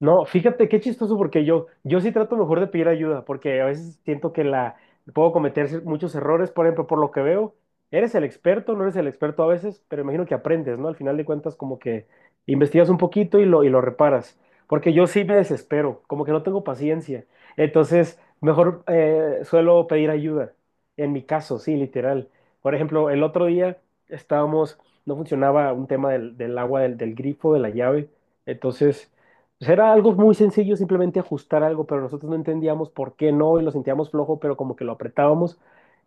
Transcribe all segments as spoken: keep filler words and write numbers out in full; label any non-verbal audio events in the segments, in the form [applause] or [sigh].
No, fíjate qué chistoso porque yo, yo sí trato mejor de pedir ayuda porque a veces siento que la puedo cometer cier- muchos errores, por ejemplo. Por lo que veo, eres el experto, no eres el experto a veces, pero imagino que aprendes, ¿no? Al final de cuentas como que investigas un poquito y lo, y lo reparas, porque yo sí me desespero, como que no tengo paciencia, entonces mejor eh, suelo pedir ayuda, en mi caso, sí, literal. Por ejemplo, el otro día estábamos, no funcionaba un tema del, del agua del del grifo, de la llave, entonces... Pues era algo muy sencillo, simplemente ajustar algo, pero nosotros no entendíamos por qué no y lo sentíamos flojo, pero como que lo apretábamos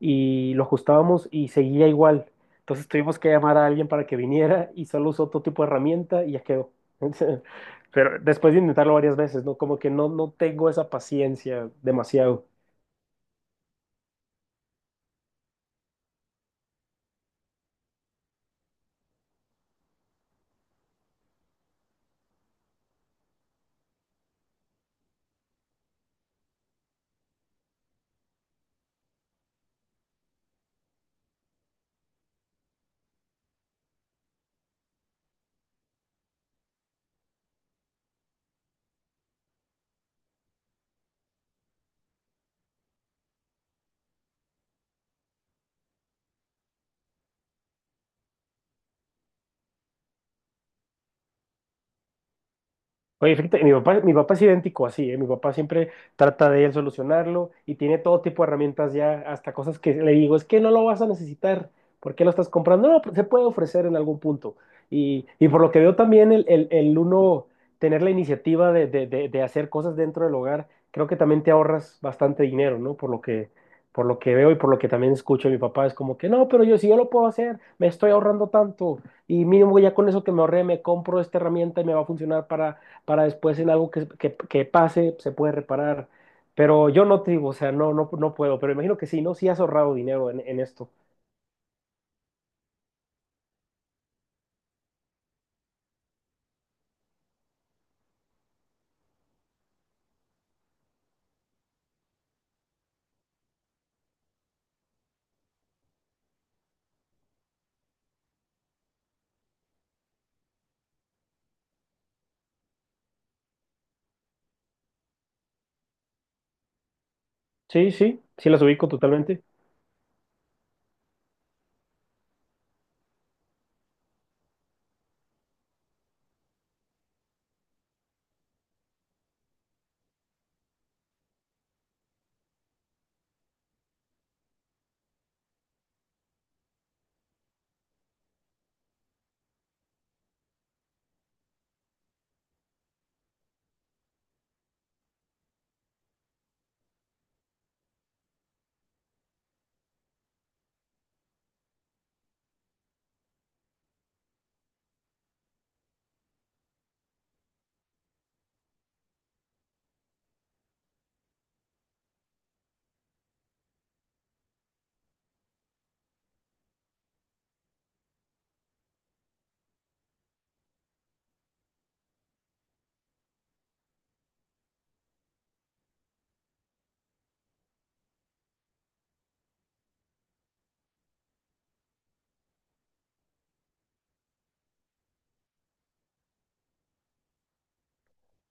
y lo ajustábamos y seguía igual. Entonces tuvimos que llamar a alguien para que viniera y solo usó otro tipo de herramienta y ya quedó. [laughs] Pero después de intentarlo varias veces, ¿no? Como que no, no tengo esa paciencia demasiado. Oye, fíjate, mi papá, mi papá es idéntico así, ¿eh? Mi papá siempre trata de él solucionarlo y tiene todo tipo de herramientas ya, hasta cosas que le digo, es que no lo vas a necesitar, ¿por qué lo estás comprando? No, pues se puede ofrecer en algún punto. Y, y por lo que veo también el, el- el uno tener la iniciativa de, de- de- de hacer cosas dentro del hogar, creo que también te ahorras bastante dinero, ¿no? Por lo que, por lo que veo y por lo que también escucho, mi papá es como que, no, pero yo si yo lo puedo hacer, me estoy ahorrando tanto y mínimo ya con eso que me ahorré, me compro esta herramienta y me va a funcionar para para después en algo que, que- que pase se puede reparar. Pero yo no te digo, o sea, no, no, no puedo, pero imagino que sí, ¿no? Sí has ahorrado dinero en, en esto. Sí, sí, sí las ubico totalmente.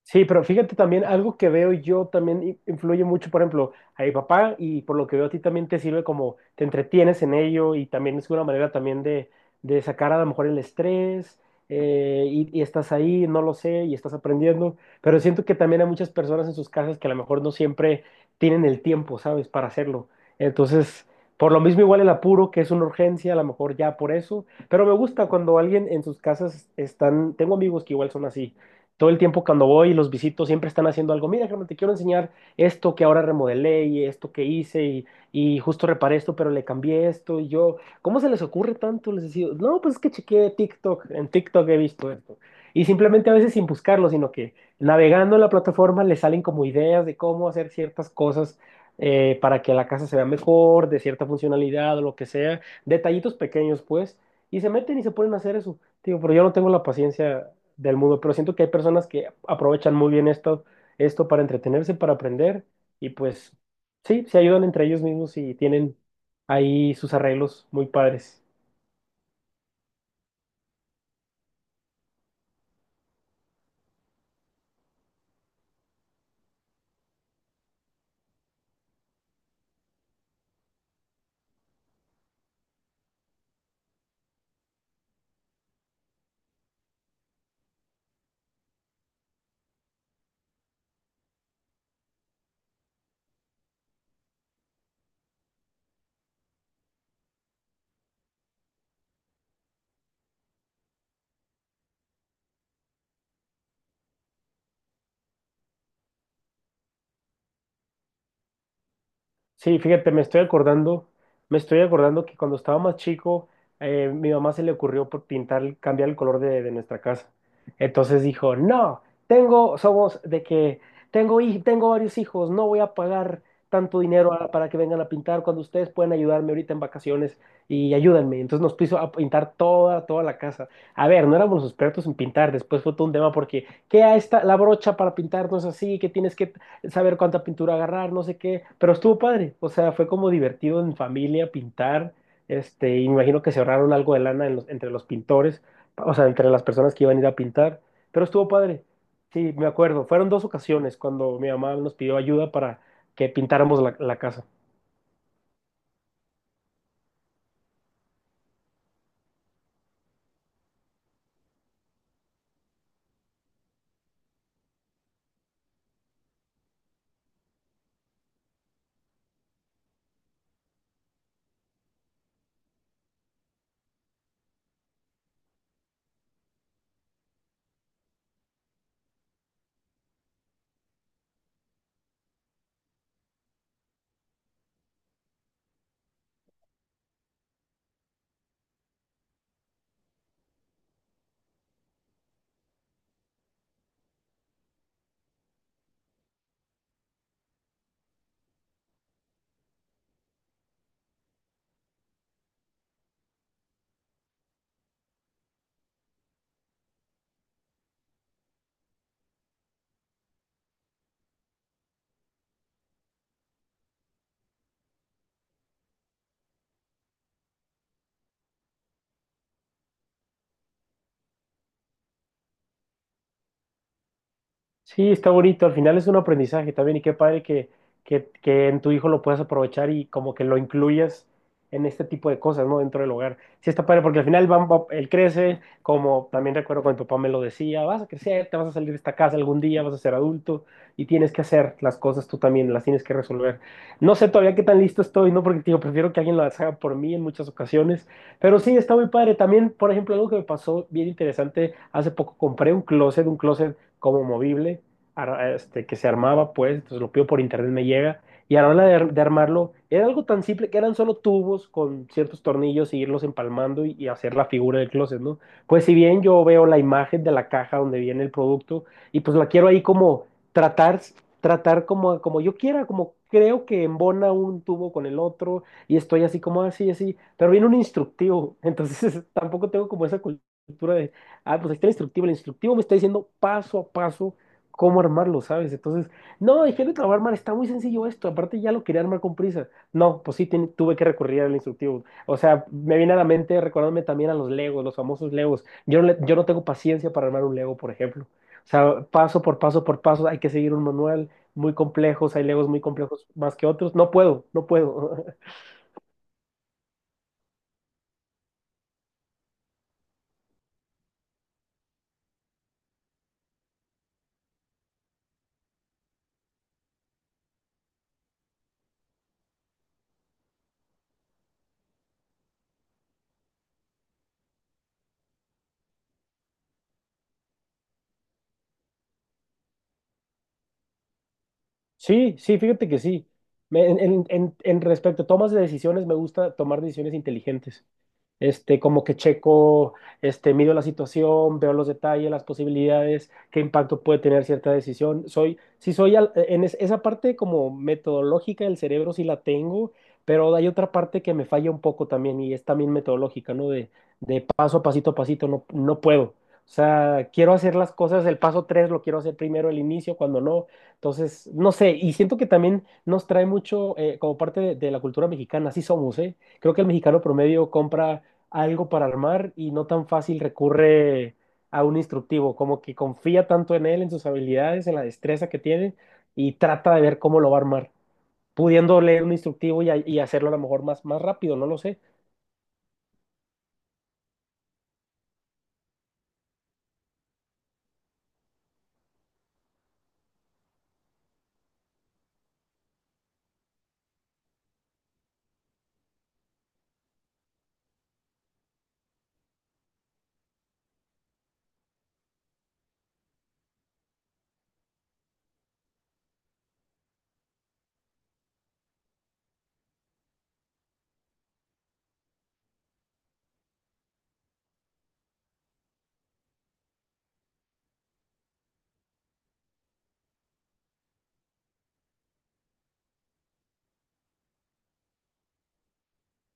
Sí, pero fíjate también, algo que veo yo también i- influye mucho, por ejemplo, a mi papá, y por lo que veo a ti también te sirve como te entretienes en ello, y también es una manera también de, de sacar a lo mejor el estrés, eh, y, y estás ahí, no lo sé, y estás aprendiendo, pero siento que también hay muchas personas en sus casas que a lo mejor no siempre tienen el tiempo, ¿sabes?, para hacerlo. Entonces, por lo mismo igual el apuro, que es una urgencia, a lo mejor ya por eso, pero me gusta cuando alguien en sus casas están, tengo amigos que igual son así todo el tiempo, cuando voy y los visito siempre están haciendo algo. Mira, Germán, te quiero enseñar esto que ahora remodelé y esto que hice, y, y justo reparé esto, pero le cambié esto y yo, ¿cómo se les ocurre tanto? Les decía, no, pues es que chequeé TikTok, en TikTok he visto esto. Y simplemente a veces sin buscarlo, sino que navegando en la plataforma les salen como ideas de cómo hacer ciertas cosas, eh, para que la casa se vea mejor, de cierta funcionalidad o lo que sea, detallitos pequeños pues, y se meten y se ponen a hacer eso. Digo, pero yo no tengo la paciencia del mundo, pero siento que hay personas que aprovechan muy bien esto, esto para entretenerse, para aprender, y pues sí, se ayudan entre ellos mismos y tienen ahí sus arreglos muy padres. Sí, fíjate, me estoy acordando, me estoy acordando que cuando estaba más chico, eh, mi mamá se le ocurrió por pintar, cambiar el color de, de nuestra casa. Entonces dijo, no, tengo, somos de que tengo, hij- tengo varios hijos, no voy a pagar tanto dinero a- para que vengan a pintar cuando ustedes pueden ayudarme ahorita en vacaciones y ayúdenme. Entonces nos puso a pintar toda, toda la casa. A ver, no éramos expertos en pintar, después fue todo un tema porque, ¿qué a esta, la brocha para pintar no es así? Qué tienes que saber cuánta pintura agarrar, no sé qué, pero estuvo padre, o sea, fue como divertido en familia pintar, este, y me imagino que se ahorraron algo de lana en los- entre los pintores, o sea, entre las personas que iban a ir a pintar, pero estuvo padre, sí, me acuerdo, fueron dos ocasiones cuando mi mamá nos pidió ayuda para que pintáramos la la casa. Sí, está bonito. Al final es un aprendizaje también y qué padre que, que, que en tu hijo lo puedas aprovechar y como que lo incluyas en este tipo de cosas, ¿no? Dentro del hogar. Sí, está padre porque al final va- va- él crece, como también recuerdo cuando mi papá me lo decía, vas a crecer, te vas a salir de esta casa algún día, vas a ser adulto y tienes que hacer las cosas tú también, las tienes que resolver. No sé todavía qué tan listo estoy, ¿no? Porque te digo, prefiero que alguien lo haga por mí en muchas ocasiones, pero sí, está muy padre. También, por ejemplo, algo que me pasó bien interesante, hace poco compré un closet, un closet como movible, este, que se armaba, pues, entonces lo pido por internet, me llega. Y a la hora de, de armarlo, era algo tan simple que eran solo tubos con ciertos tornillos y irlos empalmando y, y hacer la figura del closet, ¿no? Pues si bien yo veo la imagen de la caja donde viene el producto y pues la quiero ahí como tratar, tratar como, como yo quiera, como creo que embona un tubo con el otro y estoy así como así, así, pero viene un instructivo, entonces [laughs] tampoco tengo como esa cultura de, ah, pues ahí está el instructivo. El instructivo me está diciendo paso a paso cómo armarlo, ¿sabes? Entonces, no, dije de trabajar armar, está muy sencillo esto. Aparte, ya lo quería armar con prisa. No, pues sí, tiene- tuve que recurrir al instructivo. O sea, me viene a la mente recordándome también a los Legos, los famosos Legos. Yo no, le- yo no tengo paciencia para armar un Lego, por ejemplo. O sea, paso por paso por paso, hay que seguir un manual muy complejos. Hay Legos muy complejos más que otros. No puedo, no puedo. [laughs] Sí, sí, fíjate que sí. Me- en, en, en en respecto a tomas de decisiones, me gusta tomar decisiones inteligentes. Este, como que checo, este, mido la situación, veo los detalles, las posibilidades, qué impacto puede tener cierta decisión. Soy, sí soy al- en es- esa parte como metodológica del cerebro sí la tengo, pero hay otra parte que me falla un poco también y es también metodológica, ¿no? De, de paso a pasito a pasito, no, no puedo. O sea, quiero hacer las cosas, el paso tres lo quiero hacer primero, el inicio, cuando no. Entonces, no sé, y siento que también nos trae mucho eh, como parte de, de la cultura mexicana, así somos, ¿eh? Creo que el mexicano promedio compra algo para armar y no tan fácil recurre a un instructivo, como que confía tanto en él, en sus habilidades, en la destreza que tiene y trata de ver cómo lo va a armar, pudiendo leer un instructivo y, a- y hacerlo a lo mejor más, más rápido, no lo sé.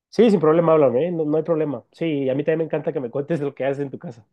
Sí, sin problema, háblame, ¿eh? No, no hay problema. Sí, a mí también me encanta que me cuentes lo que haces en tu casa.